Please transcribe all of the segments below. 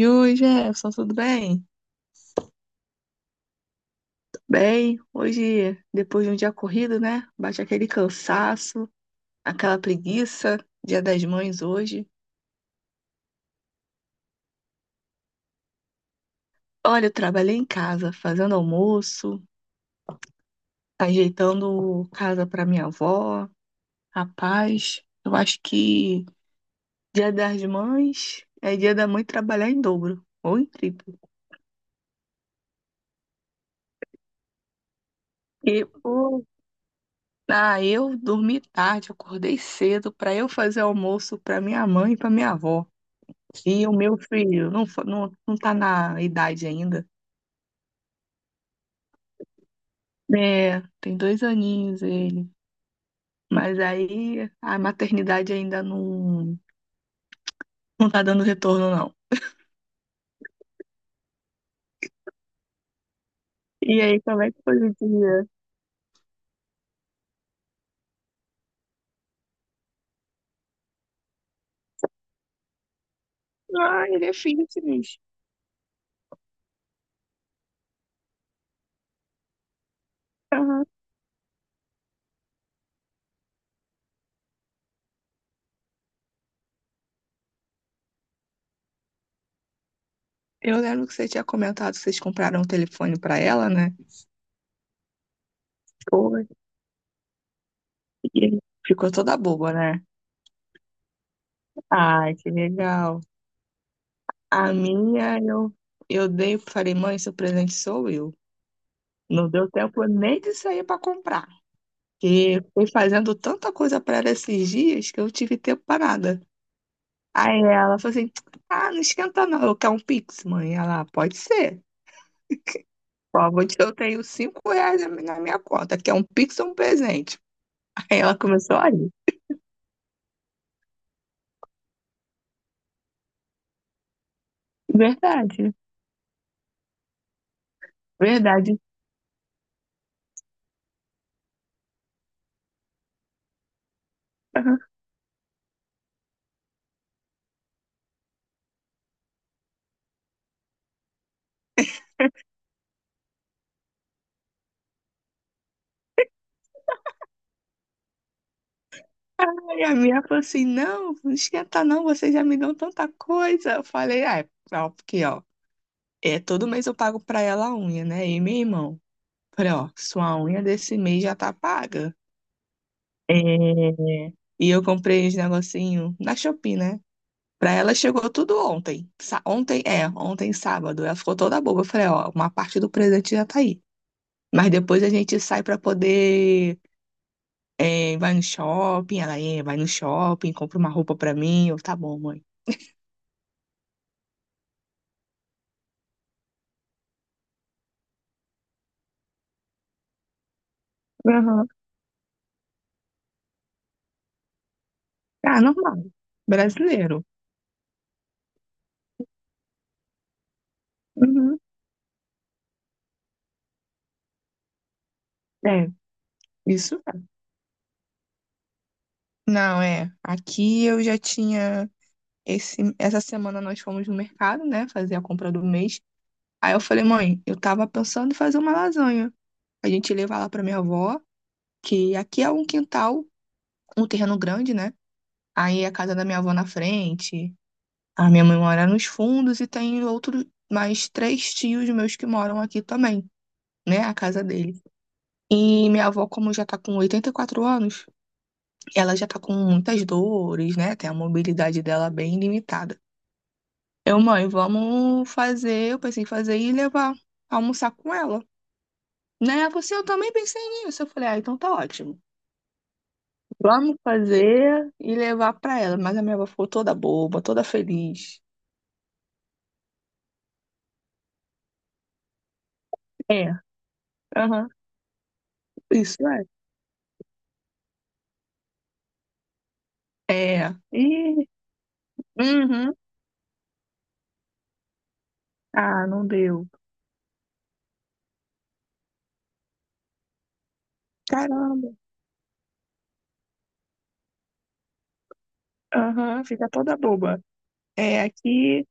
E oi, Jefferson, tudo bem? Tudo bem, hoje, depois de um dia corrido, né? Bate aquele cansaço, aquela preguiça, Dia das Mães hoje. Olha, eu trabalhei em casa, fazendo almoço, ajeitando casa para minha avó. Rapaz, eu acho que Dia das Mães é dia da mãe trabalhar em dobro, ou em triplo. E, pô, ah, eu dormi tarde, acordei cedo para eu fazer almoço para minha mãe e para minha avó. E o meu filho não, não, não tá na idade ainda. É, tem 2 aninhos ele. Mas aí a maternidade ainda não, não tá dando retorno, não. E aí, como é que foi o dia? Ah, ele é filho fitness. Aham. Eu lembro que você tinha comentado que vocês compraram um telefone pra ela, né? Pô, e ficou toda boba, né? Ai, que legal. A minha, eu dei, falei, mãe, seu presente sou eu. Não deu tempo nem de sair pra comprar. Que foi fazendo tanta coisa para ela esses dias que eu tive tempo para nada. Aí ela falou assim: Ah, não esquenta não, eu quero um Pix, mãe. Ela, "Ah, pode ser. Ó, eu tenho R$ 5 na minha conta, quer um Pix ou um presente?" Aí ela começou a rir. Verdade, verdade. Aham. Aí a minha falou assim: Não, não esquenta não, vocês já me dão tanta coisa. Eu falei: Ah, é, ó, porque ó, é, todo mês eu pago para ela a unha, né? E meu irmão. Falei, ó, sua unha desse mês já tá paga. É. E eu comprei esse negocinho na Shopee, né? Pra ela chegou tudo ontem. Ontem, é, ontem sábado. Ela ficou toda boba. Eu falei, ó, uma parte do presente já tá aí. Mas depois a gente sai pra poder. Vai no shopping, compra uma roupa pra mim. Eu, tá bom, mãe. Aham. Ah, normal. Brasileiro. Uhum. É, isso. É. Não, é. Aqui eu já tinha. Essa semana nós fomos no mercado, né? Fazer a compra do mês. Aí eu falei, mãe, eu tava pensando em fazer uma lasanha. A gente levar lá pra minha avó, que aqui é um quintal, um terreno grande, né? Aí a casa da minha avó na frente, a minha mãe mora nos fundos e tem outro, mais três tios meus que moram aqui também, né? A casa dele. E minha avó, como já tá com 84 anos, ela já tá com muitas dores, né? Tem a mobilidade dela bem limitada. Eu, mãe, vamos fazer, eu pensei em fazer e levar, almoçar com ela. Né? Ela falou assim, eu também pensei nisso. Eu falei, ah, então tá ótimo. Vamos fazer e levar pra ela. Mas a minha avó ficou toda boba, toda feliz. É, aham, isso é. É. Ih, uhum. Ah, não deu. Caramba. Aham, fica toda boba. É, aqui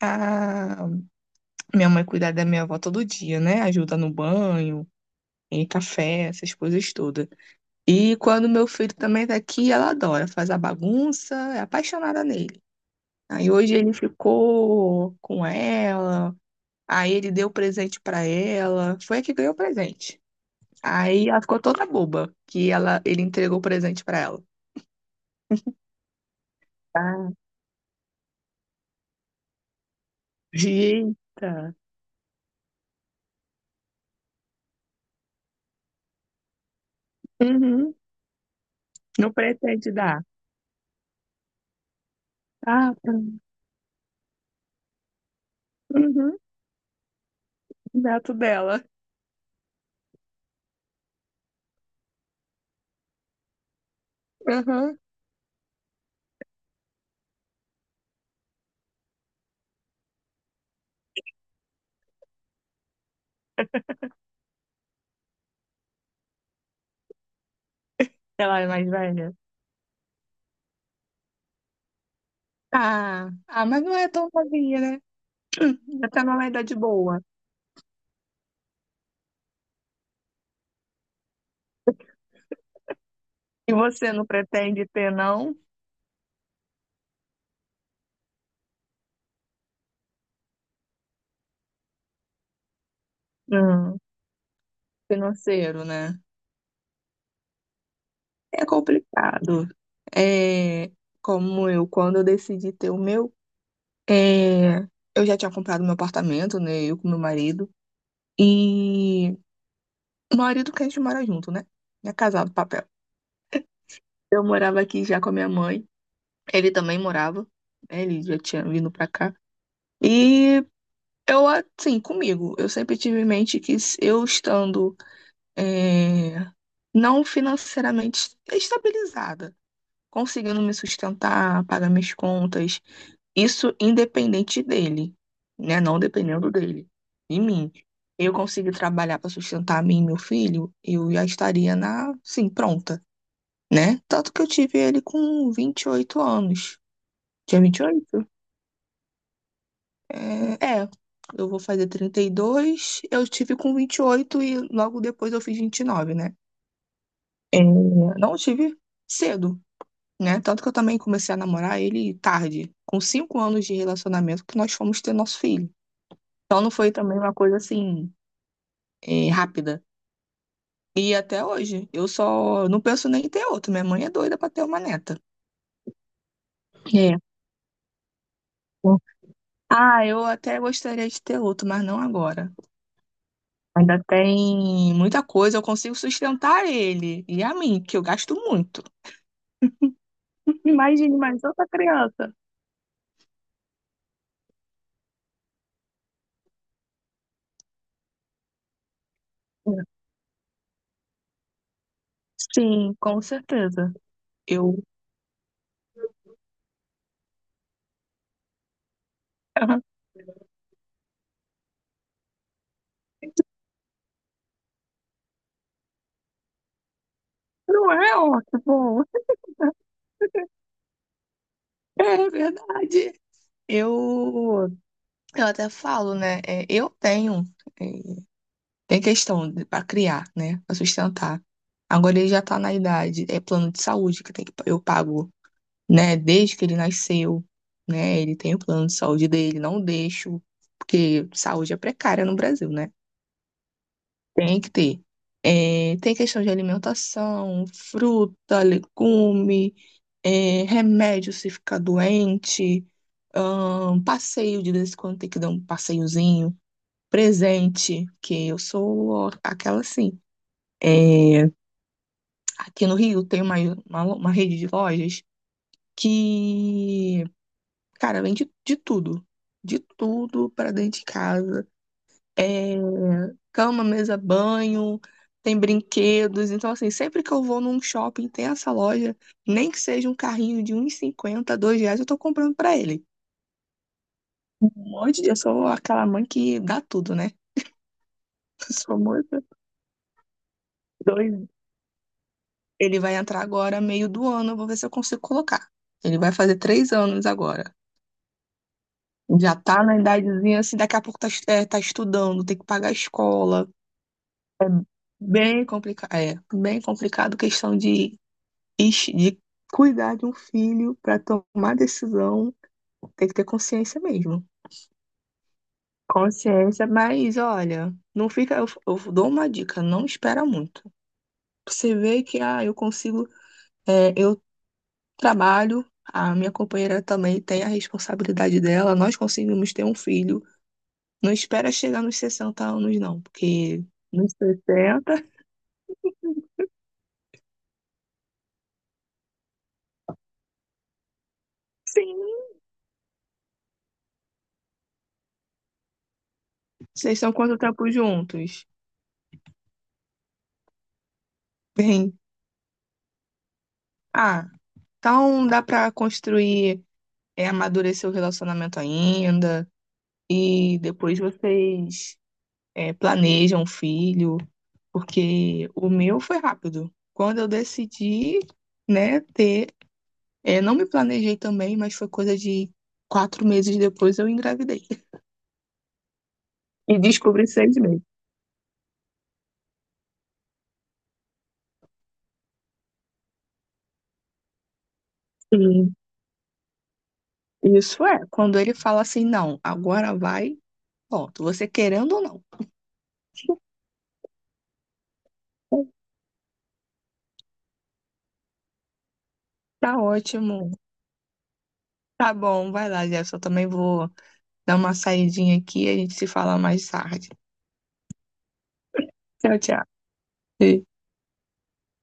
a minha mãe cuida da minha avó todo dia, né? Ajuda no banho, em café, essas coisas todas. E quando meu filho também tá aqui, ela adora, faz a bagunça, é apaixonada nele. Aí hoje ele ficou com ela, aí ele deu presente pra ela, foi a que ganhou o presente. Aí ela ficou toda boba que ela, ele entregou o presente pra ela. Ah, eita. Uhum. Não pretende dar. Ah, tá. Uhum. Neto dela. Uhum. Ela é mais velha. Ah, ah, mas não é tão novinha, né? Já tá numa idade boa. E você não pretende ter, não? Hum, financeiro, né? É complicado. É, como eu, quando eu decidi ter o meu, é, eu já tinha comprado meu apartamento, né? Eu com meu marido. E o marido que a gente mora junto, né? É casado, papel. Eu morava aqui já com a minha mãe. Ele também morava. Né, ele já tinha vindo pra cá. E eu, assim, comigo, eu sempre tive em mente que se eu estando, é, não financeiramente estabilizada conseguindo me sustentar, pagar minhas contas. Isso independente dele, né? Não dependendo dele, de mim. Eu consegui trabalhar para sustentar a mim e meu filho, eu já estaria na, sim, pronta, né? Tanto que eu tive ele com 28 anos. Tinha 28? É, é, eu vou fazer 32. Eu tive com 28 e logo depois eu fiz 29, né? É, não tive cedo, né? Tanto que eu também comecei a namorar ele tarde, com 5 anos de relacionamento, que nós fomos ter nosso filho. Então não foi também uma coisa assim, rápida. E até hoje, eu só não penso nem em ter outro. Minha mãe é doida pra ter uma neta. É. Ah, eu até gostaria de ter outro, mas não agora. Ainda tem muita coisa, eu consigo sustentar ele e a mim, que eu gasto muito. Imagine mais outra criança. Sim, com certeza. Eu. Não é ótimo. É verdade. Eu, eu até falo, né? Eu tenho, é, tem questão para criar, né? Para sustentar. Agora ele já tá na idade, é plano de saúde que tem que eu pago, né? Desde que ele nasceu, né? Ele tem o plano de saúde dele, não deixo, porque saúde é precária no Brasil, né? Tem que ter. É, tem questão de alimentação, fruta, legume, remédio se ficar doente, passeio de vez em quando tem que dar um passeiozinho, presente, que eu sou aquela assim. É, aqui no Rio tem uma, uma rede de lojas que, cara, vende de tudo. De tudo para dentro de casa. É, cama, mesa, banho, tem brinquedos. Então, assim, sempre que eu vou num shopping, tem essa loja, nem que seja um carrinho de um e cinquenta R$ 2, eu tô comprando pra ele. Um monte de... Eu sou aquela mãe que dá tudo, né? Eu sou muito doida. Ele vai entrar agora, meio do ano, eu vou ver se eu consigo colocar. Ele vai fazer 3 anos agora. Já tá na idadezinha, assim, daqui a pouco tá, tá estudando, tem que pagar a escola. É é, bem complicado questão de de cuidar de um filho para tomar decisão, tem que ter consciência mesmo. Consciência, mas olha, não fica. Eu dou uma dica, não espera muito. Você vê que eu consigo, eu trabalho, a minha companheira também tem a responsabilidade dela, nós conseguimos ter um filho. Não espera chegar nos 60 anos, não, porque nos 60 sim. Vocês estão quanto tempo juntos? Bem, ah, então dá para construir amadurecer o relacionamento ainda, e depois vocês planejam um filho, porque o meu foi rápido. Quando eu decidi, né, ter, não me planejei também, mas foi coisa de 4 meses depois eu engravidei. E descobri 6 meses. Sim, isso é. Quando ele fala assim, não, agora vai, pronto, você querendo ou não. Tá ótimo. Tá bom, vai lá, Jefferson. Eu também vou dar uma saidinha aqui e a gente se fala mais tarde. Tchau, tchau. Beijo.